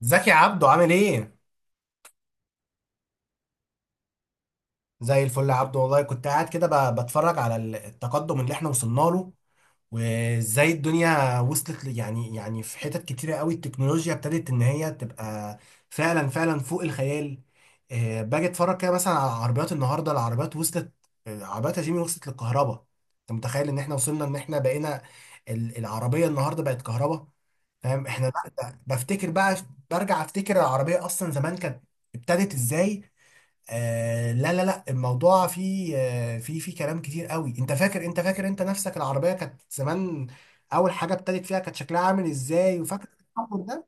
زكي عبده عامل ايه؟ زي الفل يا عبده، والله كنت قاعد كده بتفرج على التقدم اللي احنا وصلنا له. وازاي الدنيا وصلت يعني في حتت كتيرة قوي التكنولوجيا ابتدت ان هي تبقى فعلا فعلا فوق الخيال. باجي اتفرج كده مثلا على عربيات النهارده، العربيات وصلت. عربيات يا جيمي وصلت للكهرباء. انت متخيل ان احنا وصلنا ان احنا بقينا العربية النهارده بقت كهرباء؟ فاهم احنا، لا بفتكر بقى، برجع افتكر العربية اصلا زمان كانت ابتدت ازاي. لا لا لا، الموضوع فيه فيه كلام كتير قوي. انت فاكر انت نفسك العربية كانت زمان اول حاجة ابتدت فيها كانت شكلها عامل ازاي، وفاكر التحول ده.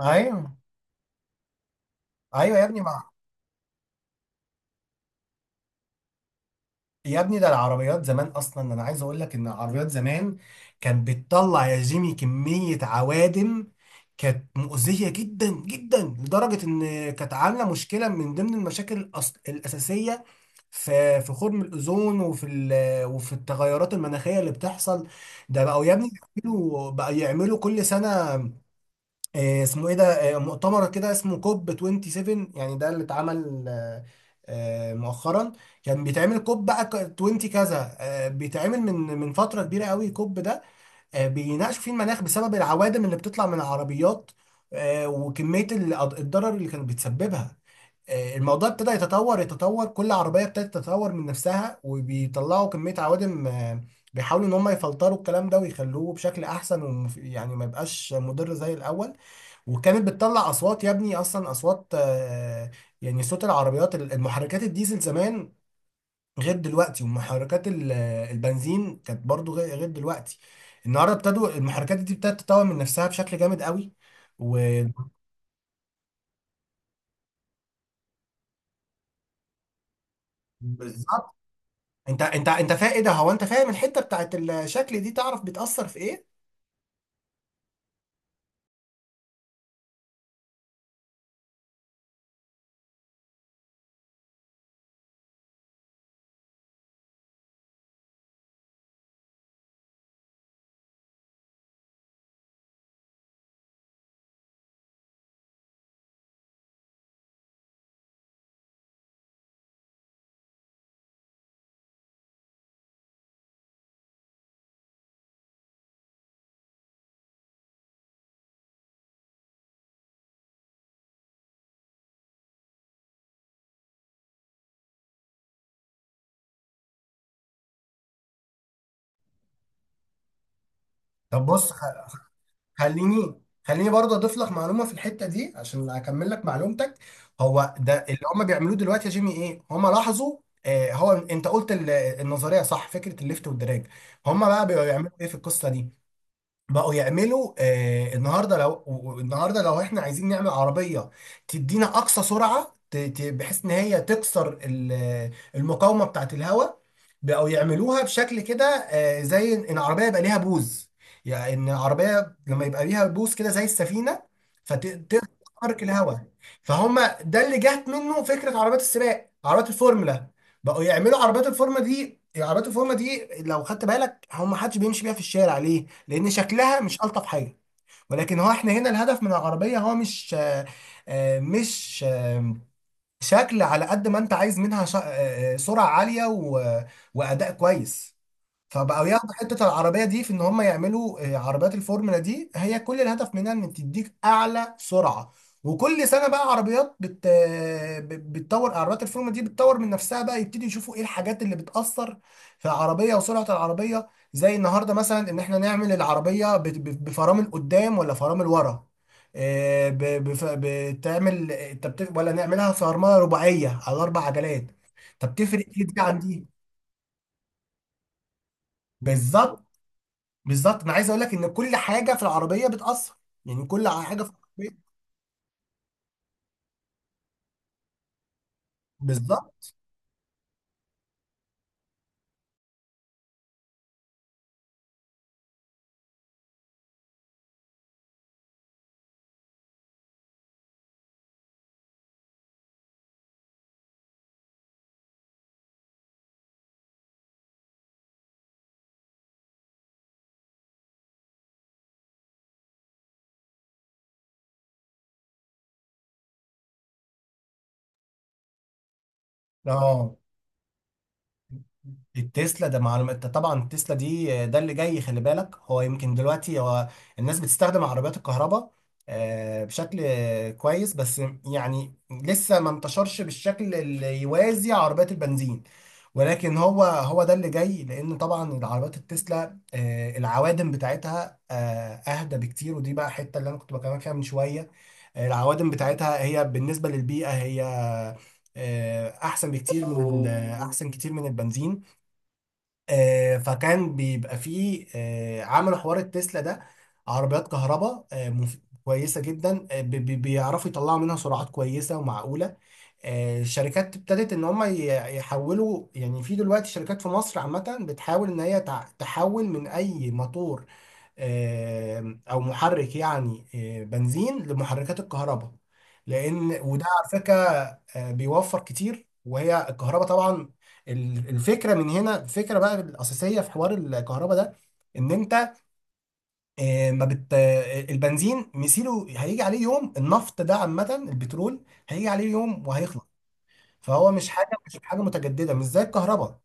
ايوه، ايوه يا ابني. مع يا ابني ده العربيات زمان، اصلا انا عايز اقول لك ان العربيات زمان كانت بتطلع يا جيمي كمية عوادم كانت مؤذية جدا جدا، لدرجة ان كانت عاملة مشكلة من ضمن المشاكل الأساسية في في خرم الاوزون وفي التغيرات المناخيه اللي بتحصل. ده بقوا يا ابني، بقوا يعملوا كل سنه. اسمه ايه ده؟ مؤتمر كده اسمه كوب 27. يعني ده اللي اتعمل مؤخرا. كان بيتعمل كوب بقى 20 كذا، بيتعمل من فتره كبيره قوي كوب ده. بيناقشوا فيه المناخ بسبب العوادم اللي بتطلع من العربيات، وكميه الضرر اللي كانت بتسببها. الموضوع ابتدى يتطور. كل عربية ابتدت تتطور من نفسها وبيطلعوا كمية عوادم. بيحاولوا ان هم يفلتروا الكلام ده ويخلوه بشكل احسن يعني ما يبقاش مضر زي الاول. وكانت بتطلع اصوات يا ابني، اصلا اصوات. يعني صوت العربيات، المحركات الديزل زمان غير دلوقتي، ومحركات البنزين كانت برضو غير دلوقتي. النهارده ابتدوا المحركات دي ابتدت تتطور من نفسها بشكل جامد قوي. و بز- بالظبط. انت فاهم ايه ده؟ هو انت فاهم الحته بتاعت الشكل دي تعرف بتأثر في ايه؟ طب بص خ- خليني برضه اضيف لك معلومه في الحته دي عشان اكمل لك معلومتك. هو ده اللي هم بيعملوه دلوقتي يا جيمي. ايه هم لاحظوا؟ آه، هو انت قلت النظريه صح، فكره الليفت والدراج. هم بقى بيعملوا ايه في القصه دي؟ بقوا يعملوا النهارده لو احنا عايزين نعمل عربيه تدينا اقصى سرعه بحيث ان هي تكسر المقاومه بتاعه الهواء. بقوا يعملوها بشكل كده، زي ان العربيه يبقى ليها بوز. يعني ان العربيه لما يبقى ليها بوز كده زي السفينه فتقدر تخترق الهواء. فهم ده اللي جات منه فكره عربيات السباق، عربيات الفورمولا. بقوا يعملوا عربيات الفورمولا دي. عربيات الفورمولا دي لو خدت بالك هم محدش بيمشي بيها في الشارع، لان شكلها مش الطف حاجه. ولكن هو احنا هنا الهدف من العربيه هو مش آه، شكل. على قد ما انت عايز منها سرعه عاليه واداء كويس. فبقوا ياخدوا حتة العربية دي في ان هم يعملوا عربيات الفورمولا دي هي كل الهدف منها ان تديك اعلى سرعة. وكل سنة بقى عربيات بتطور، عربيات الفورمولا دي بتطور من نفسها بقى، يبتدي يشوفوا ايه الحاجات اللي بتأثر في العربية وسرعة العربية. زي النهاردة مثلا ان احنا نعمل العربية بفرامل قدام ولا فرامل ورا. بتعمل، ولا نعملها فرملة رباعية على اربع عجلات؟ طب تفرق ايه دي عن دي؟ بالظبط. بالظبط، ما عايز اقول لك ان كل حاجه في العربيه بتاثر. يعني كل حاجه في العربيه. بالظبط. اه. التسلا ده معلومة. انت طبعا التسلا دي ده اللي جاي، خلي بالك. هو يمكن دلوقتي الناس بتستخدم عربيات الكهرباء بشكل كويس، بس يعني لسه ما انتشرش بالشكل اللي يوازي عربيات البنزين. ولكن هو ده اللي جاي، لان طبعا العربيات التسلا العوادم بتاعتها اهدى بكتير، ودي بقى حته اللي انا كنت بكلمك فيها من شويه. العوادم بتاعتها هي بالنسبة للبيئة هي أحسن بكتير أحسن كتير من البنزين. فكان بيبقى فيه عملوا حوار التسلا ده، عربيات كهرباء، كويسة جدا، بيعرفوا يطلعوا منها سرعات كويسة ومعقولة. الشركات ابتدت ان هم يحولوا. يعني في دلوقتي شركات في مصر عامة بتحاول ان هي تحول من اي موتور او محرك يعني بنزين لمحركات الكهرباء. لان وده على فكرة بيوفر كتير، وهي الكهرباء طبعا. الفكرة من هنا، الفكرة بقى الأساسية في حوار الكهرباء ده ان انت آه، ما بت آه، البنزين مثيله هيجي عليه يوم. النفط ده عامة البترول هيجي عليه يوم وهيخلص. فهو مش حاجه، مش حاجه متجدده، مش زي الكهرباء.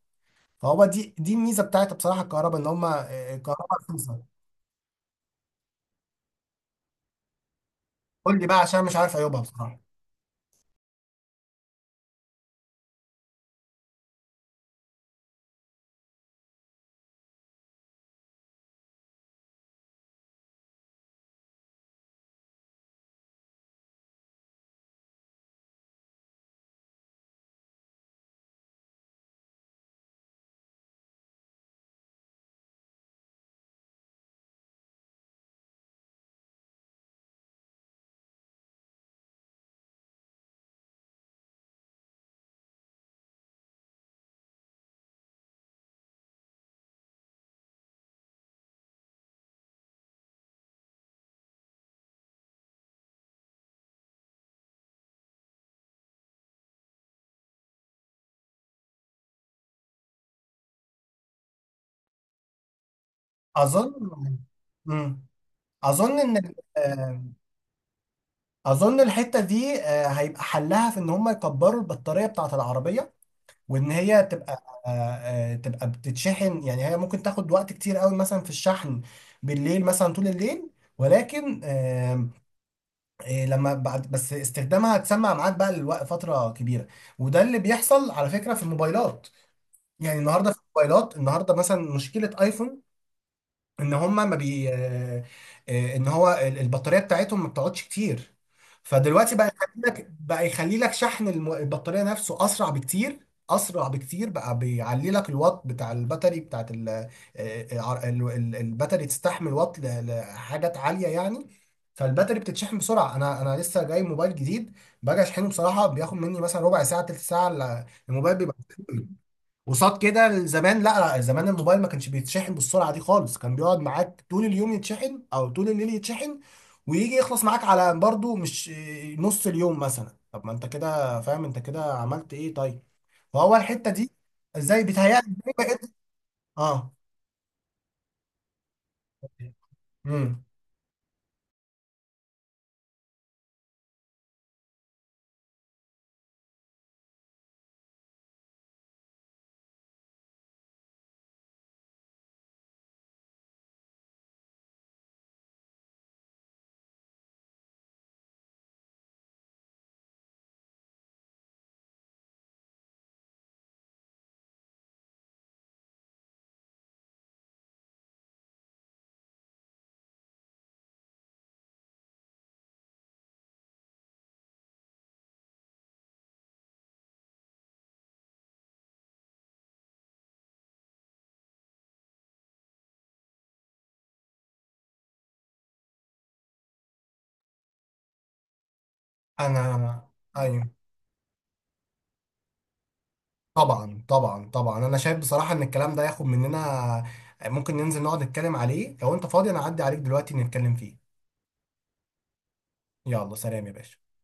فهو دي الميزه بتاعت بصراحه الكهرباء، ان هم الكهرباء رخيصه. قول لي بقى، عشان مش عارف عيوبها بصراحه. اظن. امم. اظن ان ال- آه، اظن الحته دي هيبقى حلها في ان هم يكبروا البطاريه بتاعت العربيه، وان هي تبقى تبقى بتتشحن. يعني هي ممكن تاخد وقت كتير قوي مثلا في الشحن بالليل، مثلا طول الليل. ولكن إيه لما بعد بس استخدامها هتسمع معاك بقى لوقت فتره كبيره. وده اللي بيحصل على فكره في الموبايلات. يعني النهارده في الموبايلات، النهارده مثلا مشكله ايفون ان هم ما بي آه، آه، ان هو البطاريه بتاعتهم ما بتقعدش كتير. فدلوقتي بقى يخلي لك شحن البطاريه نفسه اسرع بكتير. اسرع بكتير بقى بيعلي لك الوات بتاع الباتري بتاعت الباتري تستحمل وات لحاجات عاليه يعني. فالباتري بتتشحن بسرعه. انا لسه جاي موبايل جديد، باجي اشحنه بصراحه بياخد مني مثلا ربع ساعة تلت ساعة الموبايل بيبقى وصاد كده. زمان، لا لا، زمان الموبايل ما كانش بيتشحن بالسرعه دي خالص، كان بيقعد معاك طول اليوم يتشحن او طول الليل يتشحن، ويجي يخلص معاك على برضو مش نص اليوم مثلا. طب ما انت كده فاهم، انت كده عملت ايه؟ طيب. فهو الحته دي ازاي، بيتهيألي إزاي بقيت. اه. امم. انا. ايوه. طبعا طبعا طبعا، انا شايف بصراحه ان الكلام ده ياخد مننا، ممكن ننزل نقعد نتكلم عليه. لو انت فاضي انا اعدي عليك دلوقتي نتكلم فيه. يلا سلام يا باشا.